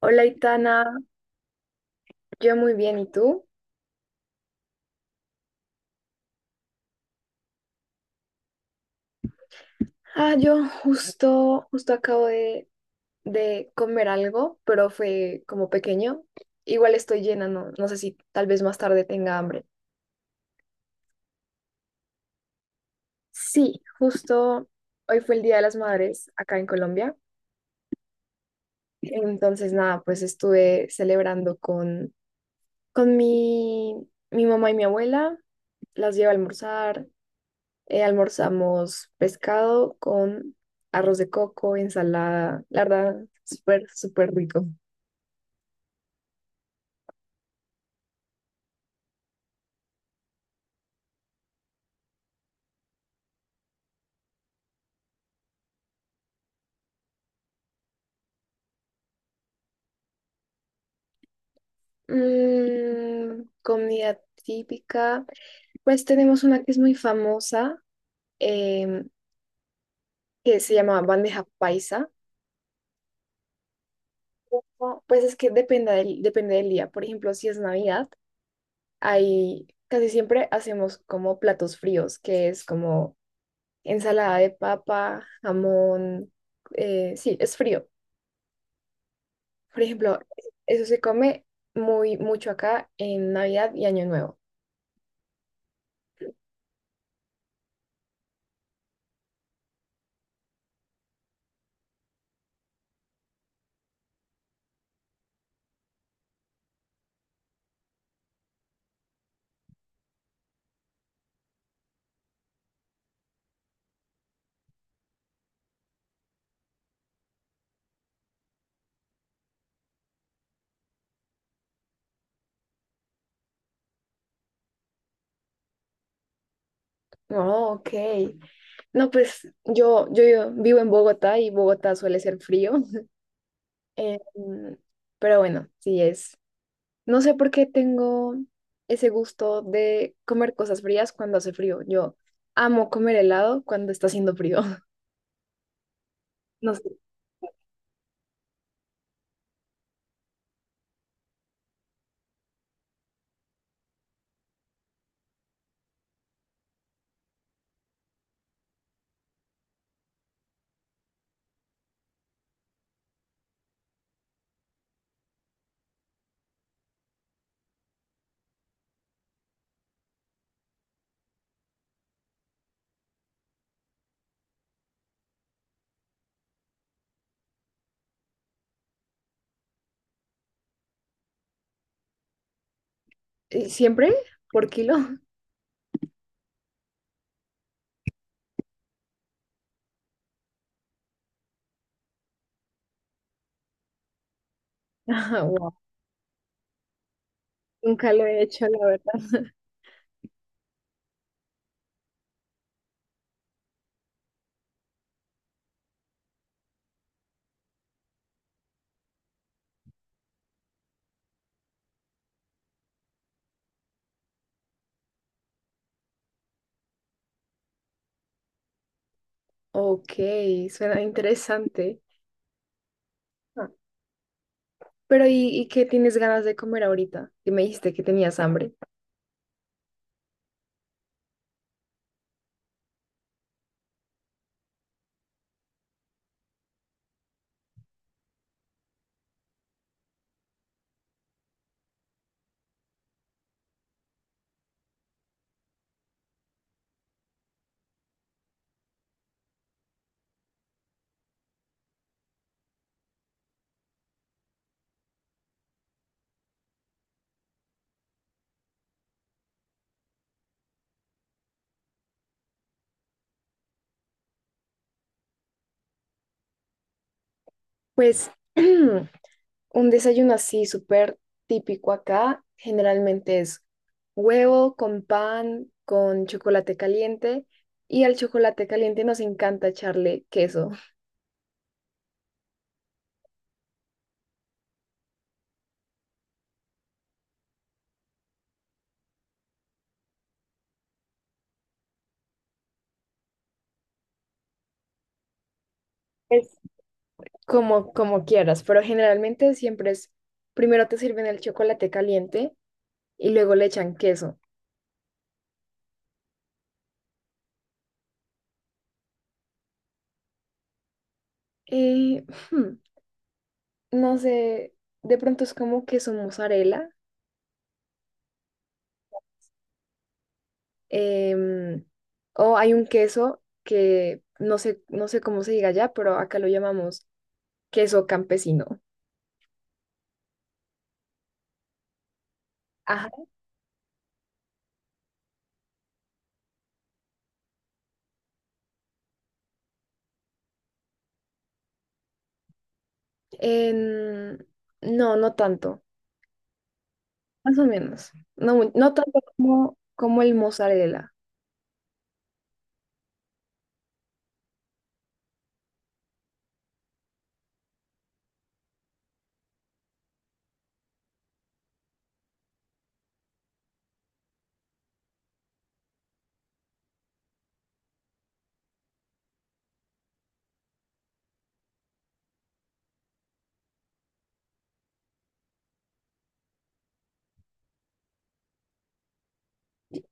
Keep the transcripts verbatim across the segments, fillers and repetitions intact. Hola, Itana. Yo muy bien, ¿y tú? Ah, yo justo, justo acabo de, de comer algo, pero fue como pequeño. Igual estoy llena, no, no sé si tal vez más tarde tenga hambre. Sí, justo hoy fue el Día de las Madres acá en Colombia. Entonces, nada, pues estuve celebrando con, con mi, mi mamá y mi abuela. Las llevo a almorzar. Eh, almorzamos pescado con arroz de coco, ensalada, la verdad, súper, súper rico. Mm, comida típica, pues tenemos una que es muy famosa, em, que se llama bandeja paisa. Ojo, pues es que depende del, depende del día. Por ejemplo, si es Navidad, hay, casi siempre hacemos como platos fríos, que es como ensalada de papa, jamón, eh, sí, es frío. Por ejemplo, eso se come muy mucho acá en Navidad y Año Nuevo. Oh, ok. No, pues yo, yo yo vivo en Bogotá y Bogotá suele ser frío. Em, pero bueno, sí es. No sé por qué tengo ese gusto de comer cosas frías cuando hace frío. Yo amo comer helado cuando está haciendo frío. No sé. ¿Y siempre? ¿Por kilo? Ah, wow. Nunca lo he hecho, la verdad. Ok, suena interesante. Ah. Pero ¿y, y qué tienes ganas de comer ahorita? Que me dijiste que tenías hambre. Pues un desayuno así súper típico acá generalmente es huevo con pan, con chocolate caliente, y al chocolate caliente nos encanta echarle queso. Es- Como, como quieras, pero generalmente siempre es primero te sirven el chocolate caliente y luego le echan queso. Eh, hmm, no sé, de pronto es como queso mozzarella. Em, o hay un queso que no sé, no sé cómo se diga allá, pero acá lo llamamos queso campesino. Ajá. En- no, no tanto, más o menos. No, mu- no tanto como, como el mozzarella.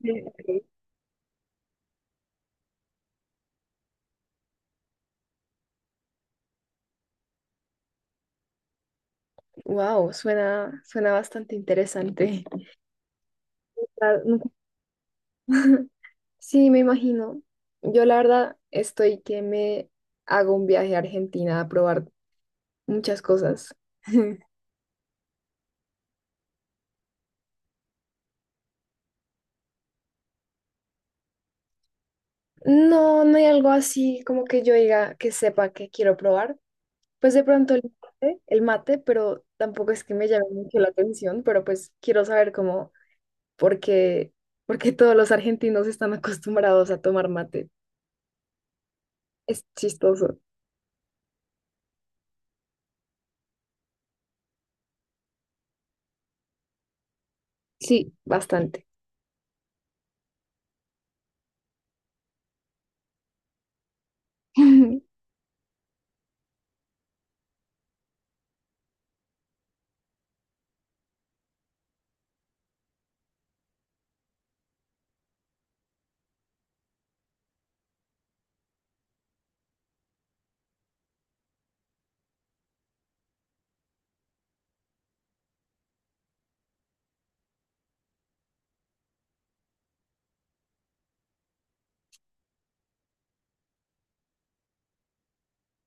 Sí, ok. Wow, suena, suena bastante interesante. La- nunca- Sí, me imagino. Yo la verdad estoy que me hago un viaje a Argentina a probar muchas cosas. No, no hay algo así como que yo diga que sepa que quiero probar. Pues de pronto el mate, el mate, pero tampoco es que me llame mucho la atención, pero pues quiero saber cómo, por qué, por qué todos los argentinos están acostumbrados a tomar mate. Es chistoso. Sí, bastante.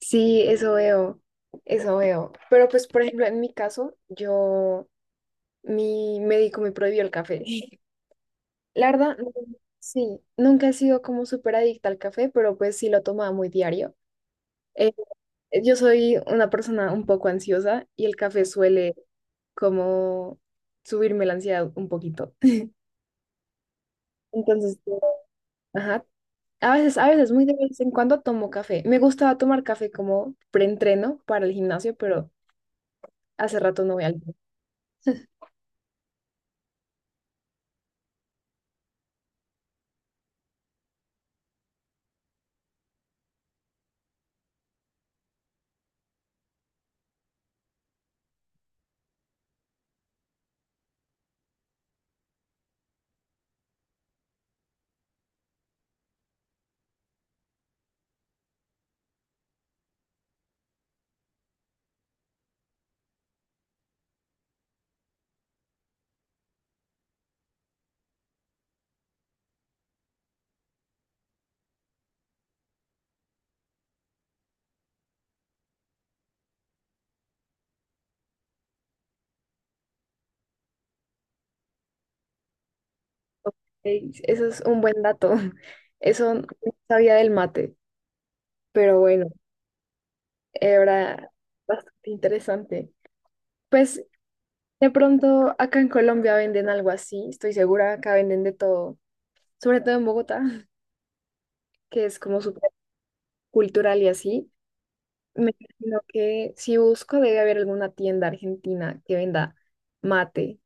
Sí, eso veo, eso veo. Pero pues, por ejemplo, en mi caso, yo, mi médico me prohibió el café. La verdad, no- Sí, nunca he sido como súper adicta al café, pero pues sí lo tomaba muy diario. Eh, eh, yo soy una persona un poco ansiosa y el café suele como subirme la ansiedad un poquito. Entonces, ajá, a veces, a veces, muy de vez en cuando tomo café. Me gustaba tomar café como preentreno para el gimnasio, pero hace rato no voy al gym. Ok, eso es un buen dato. Eso no sabía del mate, pero bueno, era bastante interesante. Pues de pronto acá en Colombia venden algo así, estoy segura, acá venden de todo, sobre todo en Bogotá, que es como súper cultural y así. Me imagino que si busco debe haber alguna tienda argentina que venda mate.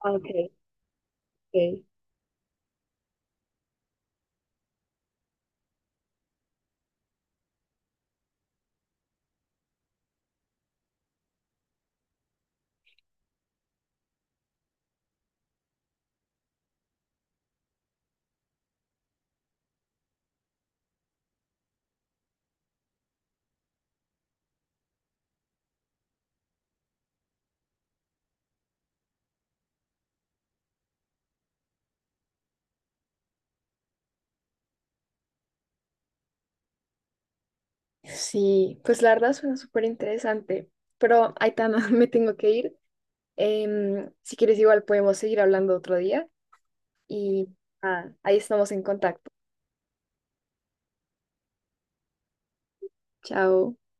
Ah, ok, ok. Sí, pues la verdad suena súper interesante, pero Aitana, me tengo que ir. Em, si quieres igual podemos seguir hablando otro día y ah, ahí estamos en contacto. Chao.